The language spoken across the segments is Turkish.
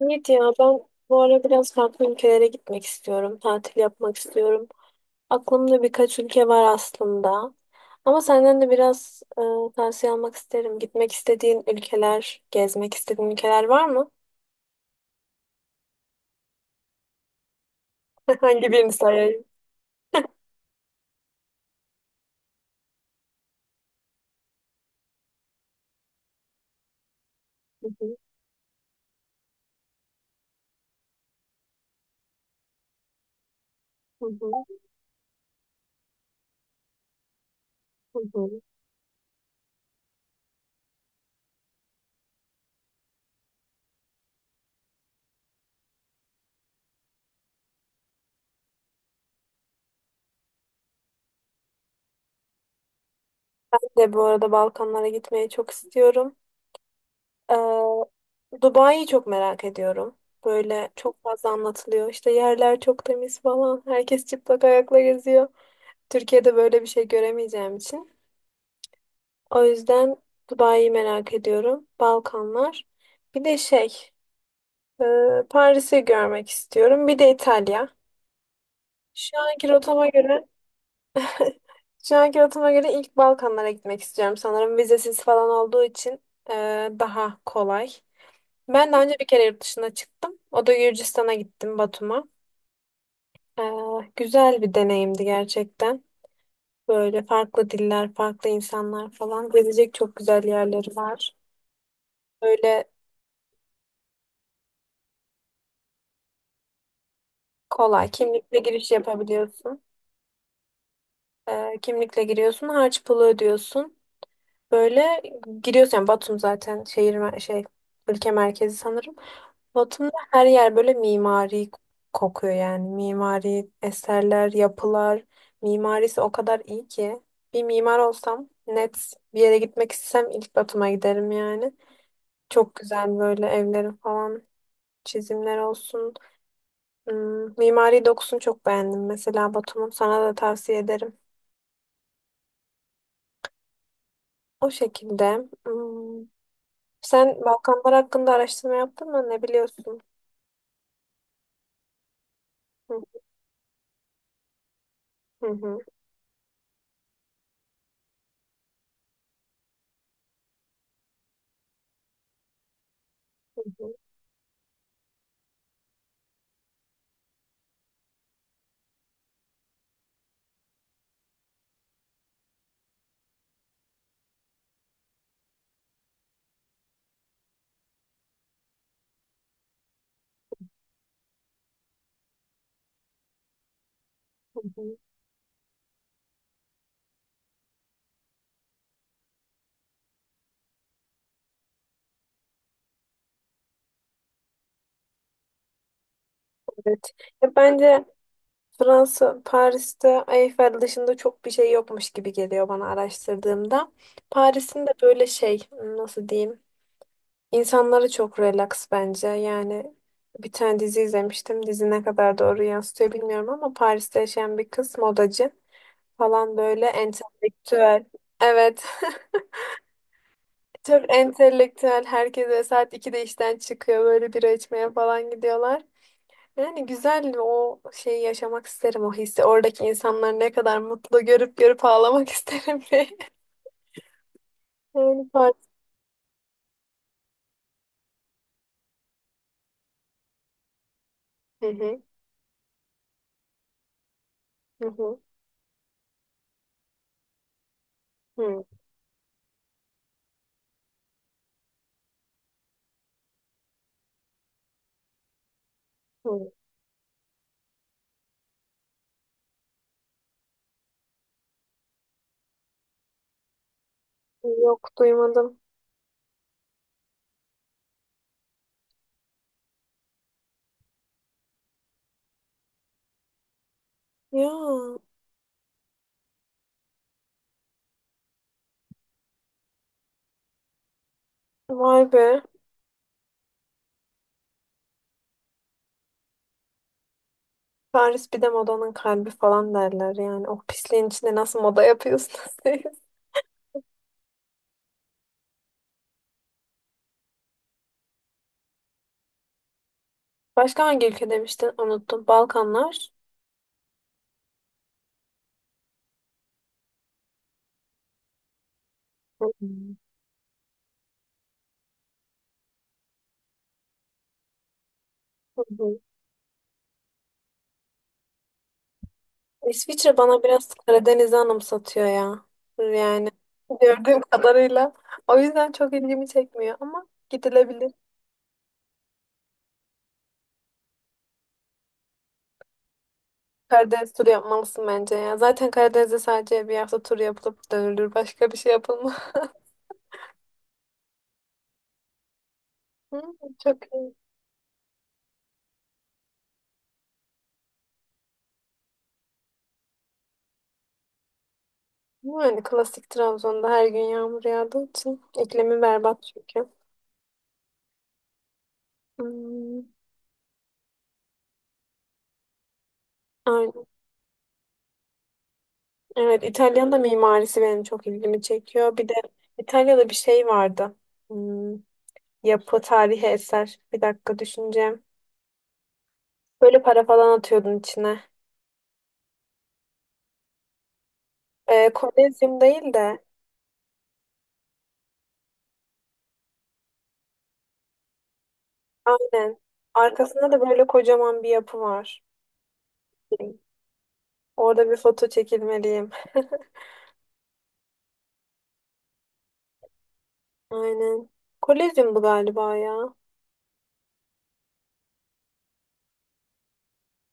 Evet ya ben bu ara biraz farklı ülkelere gitmek istiyorum. Tatil yapmak istiyorum. Aklımda birkaç ülke var aslında. Ama senden de biraz tavsiye almak isterim. Gitmek istediğin ülkeler, gezmek istediğin ülkeler var mı? Hangi birini sayayım? Hı hı, hı hı, hı hı. Ben de bu arada Balkanlara gitmeyi çok istiyorum. Dubai'yi çok merak ediyorum. Böyle çok fazla anlatılıyor. İşte yerler çok temiz falan. Herkes çıplak ayakla geziyor. Türkiye'de böyle bir şey göremeyeceğim için. O yüzden Dubai'yi merak ediyorum. Balkanlar. Bir de şey, e, Paris'i görmek istiyorum. Bir de İtalya. Şu anki rotama göre, şu anki rotama göre ilk Balkanlara gitmek istiyorum sanırım. Vizesiz falan olduğu için e, daha kolay. Ben daha önce bir kere yurt dışına çıktım. O da Gürcistan'a gittim, Batum'a. E, güzel bir deneyimdi gerçekten. Böyle farklı diller, farklı insanlar falan. Gezecek çok güzel yerleri var. Böyle kolay. Kimlikle giriş yapabiliyorsun. Kimlikle giriyorsun. Harç pulu ödüyorsun. Böyle giriyorsun. Yani Batum zaten şey ülke merkezi sanırım. Batum'da her yer böyle mimari kokuyor yani. Mimari eserler, yapılar. Mimarisi o kadar iyi ki. Bir mimar olsam net bir yere gitmek istesem ilk Batum'a giderim yani. Çok güzel böyle evlerin falan çizimler olsun. Hmm, mimari dokusunu çok beğendim. Mesela Batum'un sana da tavsiye ederim. O şekilde. Hmm, sen Balkanlar hakkında araştırma yaptın mı? Ne biliyorsun? Hı hı, hı hı, hı. Hı hı. Evet. Ya bence Fransa, Paris'te Eiffel dışında çok bir şey yokmuş gibi geliyor bana araştırdığımda. Paris'in de böyle şey, nasıl diyeyim? İnsanları çok relax bence. Yani bir tane dizi izlemiştim. Dizi ne kadar doğru yansıtıyor bilmiyorum ama Paris'te yaşayan bir kız modacı falan böyle entelektüel. Evet. Çok entelektüel. Herkes böyle saat 2'de işten çıkıyor. Böyle bira içmeye falan gidiyorlar. Yani güzel o şeyi yaşamak isterim, o hissi. Oradaki insanlar ne kadar mutlu görüp görüp ağlamak isterim diye. Yani par- Hı hı, hı hı, hı, hı. Yok, duymadım. Ya vay be. Paris bir de modanın kalbi falan derler yani. O pisliğin içinde nasıl moda yapıyorsunuz siz? Başka hangi ülke demiştin? Unuttum. Balkanlar. Hı hı, İsviçre bana biraz Karadeniz'i anımsatıyor ya. Yani gördüğüm kadarıyla. O yüzden çok ilgimi çekmiyor ama gidilebilir. Karadeniz turu yapmalısın bence ya. Zaten Karadeniz'de sadece bir hafta tur yapılıp dönülür. Başka bir şey yapılmaz. Hı, çok iyi. Yani klasik Trabzon'da her gün yağmur yağdığı için iklimi berbat çünkü. Hmm, aynen. Evet, İtalya'nın da mimarisi benim çok ilgimi çekiyor. Bir de İtalya'da bir şey vardı. Hmm, yapı, tarihi eser. Bir dakika düşüneceğim. Böyle para falan atıyordun içine. Kolezyum değil de aynen. Arkasında da böyle kocaman bir yapı var. Orada bir foto çekilmeliyim. Aynen. Kolezyum bu galiba ya.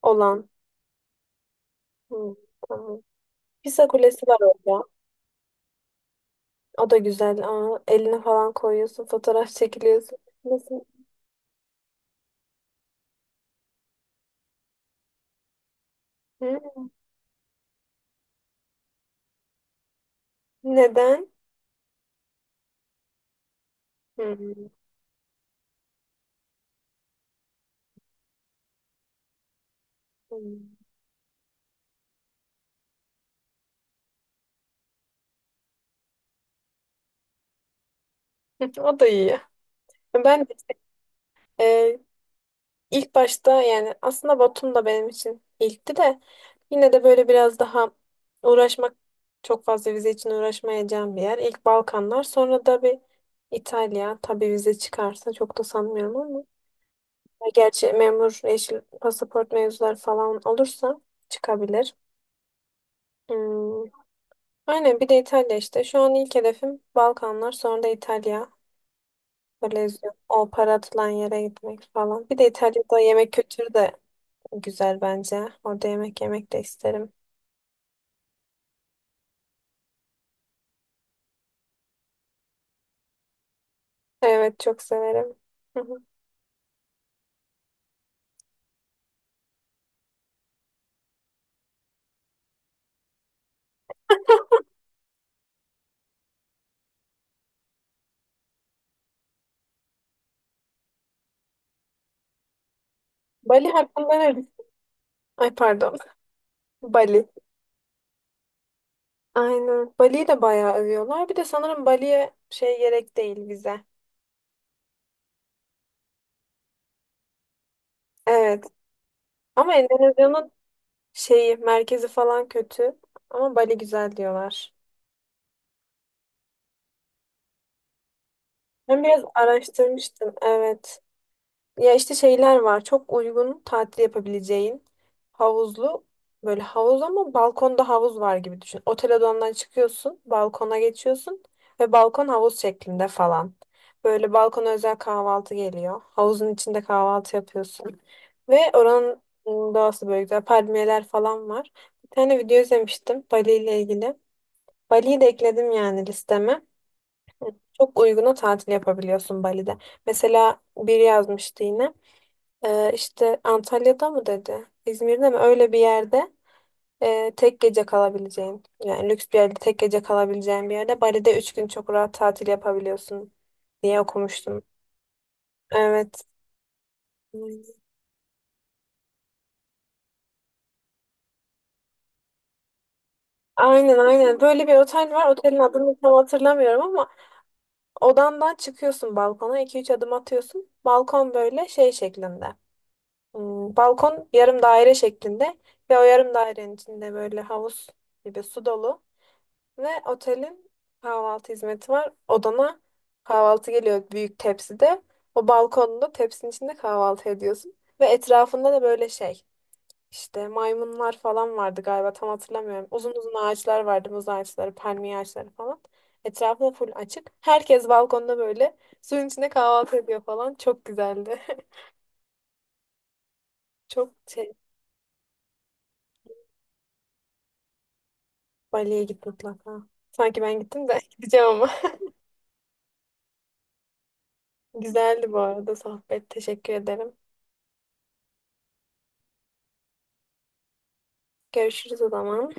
Olan. Hı, tamam. Pisa Kulesi var orada. O da güzel. Aa, eline falan koyuyorsun. Fotoğraf çekiliyorsun. Nasıl? Hı, neden? Hı, hı. O da iyi. Ben de, e, İlk başta yani aslında Batum da benim için ilkti de yine de böyle biraz daha uğraşmak, çok fazla vize için uğraşmayacağım bir yer. İlk Balkanlar sonra da bir İtalya tabii vize çıkarsa, çok da sanmıyorum ama gerçi memur yeşil pasaport mevzuları falan olursa çıkabilir. Hmm. Aynen bir de İtalya işte. Şu an ilk hedefim Balkanlar sonra da İtalya. Böyle o para atılan yere gitmek falan. Bir de İtalya'da yemek kültürü de güzel bence. Orada yemek yemek de isterim. Evet, çok severim. Hı hı. Bali hakkında ne? Ay pardon. Bali. Aynen. Bali'yi de bayağı övüyorlar. Bir de sanırım Bali'ye şey gerek değil, vize. Evet. Ama Endonezya'nın şeyi, merkezi falan kötü. Ama Bali güzel diyorlar. Ben biraz araştırmıştım. Evet. Ya işte şeyler var. Çok uygun tatil yapabileceğin havuzlu, böyle havuz ama balkonda havuz var gibi düşün. Otel odandan çıkıyorsun, balkona geçiyorsun ve balkon havuz şeklinde falan. Böyle balkona özel kahvaltı geliyor. Havuzun içinde kahvaltı yapıyorsun. Ve oranın doğası böyle güzel. Palmiyeler falan var. Bir tane video izlemiştim Bali ile ilgili. Bali'yi de ekledim yani listeme. Çok uyguna tatil yapabiliyorsun Bali'de. Mesela biri yazmıştı yine. İşte Antalya'da mı dedi? İzmir'de mi? Öyle bir yerde tek gece kalabileceğin. Yani lüks bir yerde tek gece kalabileceğin bir yerde, Bali'de üç gün çok rahat tatil yapabiliyorsun diye okumuştum. Evet. Aynen aynen. Böyle bir otel var. Otelin adını tam hatırlamıyorum ama odandan çıkıyorsun balkona. İki üç adım atıyorsun. Balkon böyle şey şeklinde. Hmm, balkon yarım daire şeklinde ve o yarım dairenin içinde böyle havuz gibi su dolu. Ve otelin kahvaltı hizmeti var. Odana kahvaltı geliyor büyük tepside. O balkonda tepsinin içinde kahvaltı ediyorsun. Ve etrafında da böyle şey, işte maymunlar falan vardı galiba, tam hatırlamıyorum. Uzun uzun ağaçlar vardı, muz ağaçları, palmiye ağaçları falan. Etrafı da full açık. Herkes balkonda böyle suyun içinde kahvaltı ediyor falan. Çok güzeldi. Çok şey, Bali'ye git mutlaka. Sanki ben gittim de gideceğim ama. Güzeldi bu arada sohbet. Teşekkür ederim. Görüşürüz o zaman.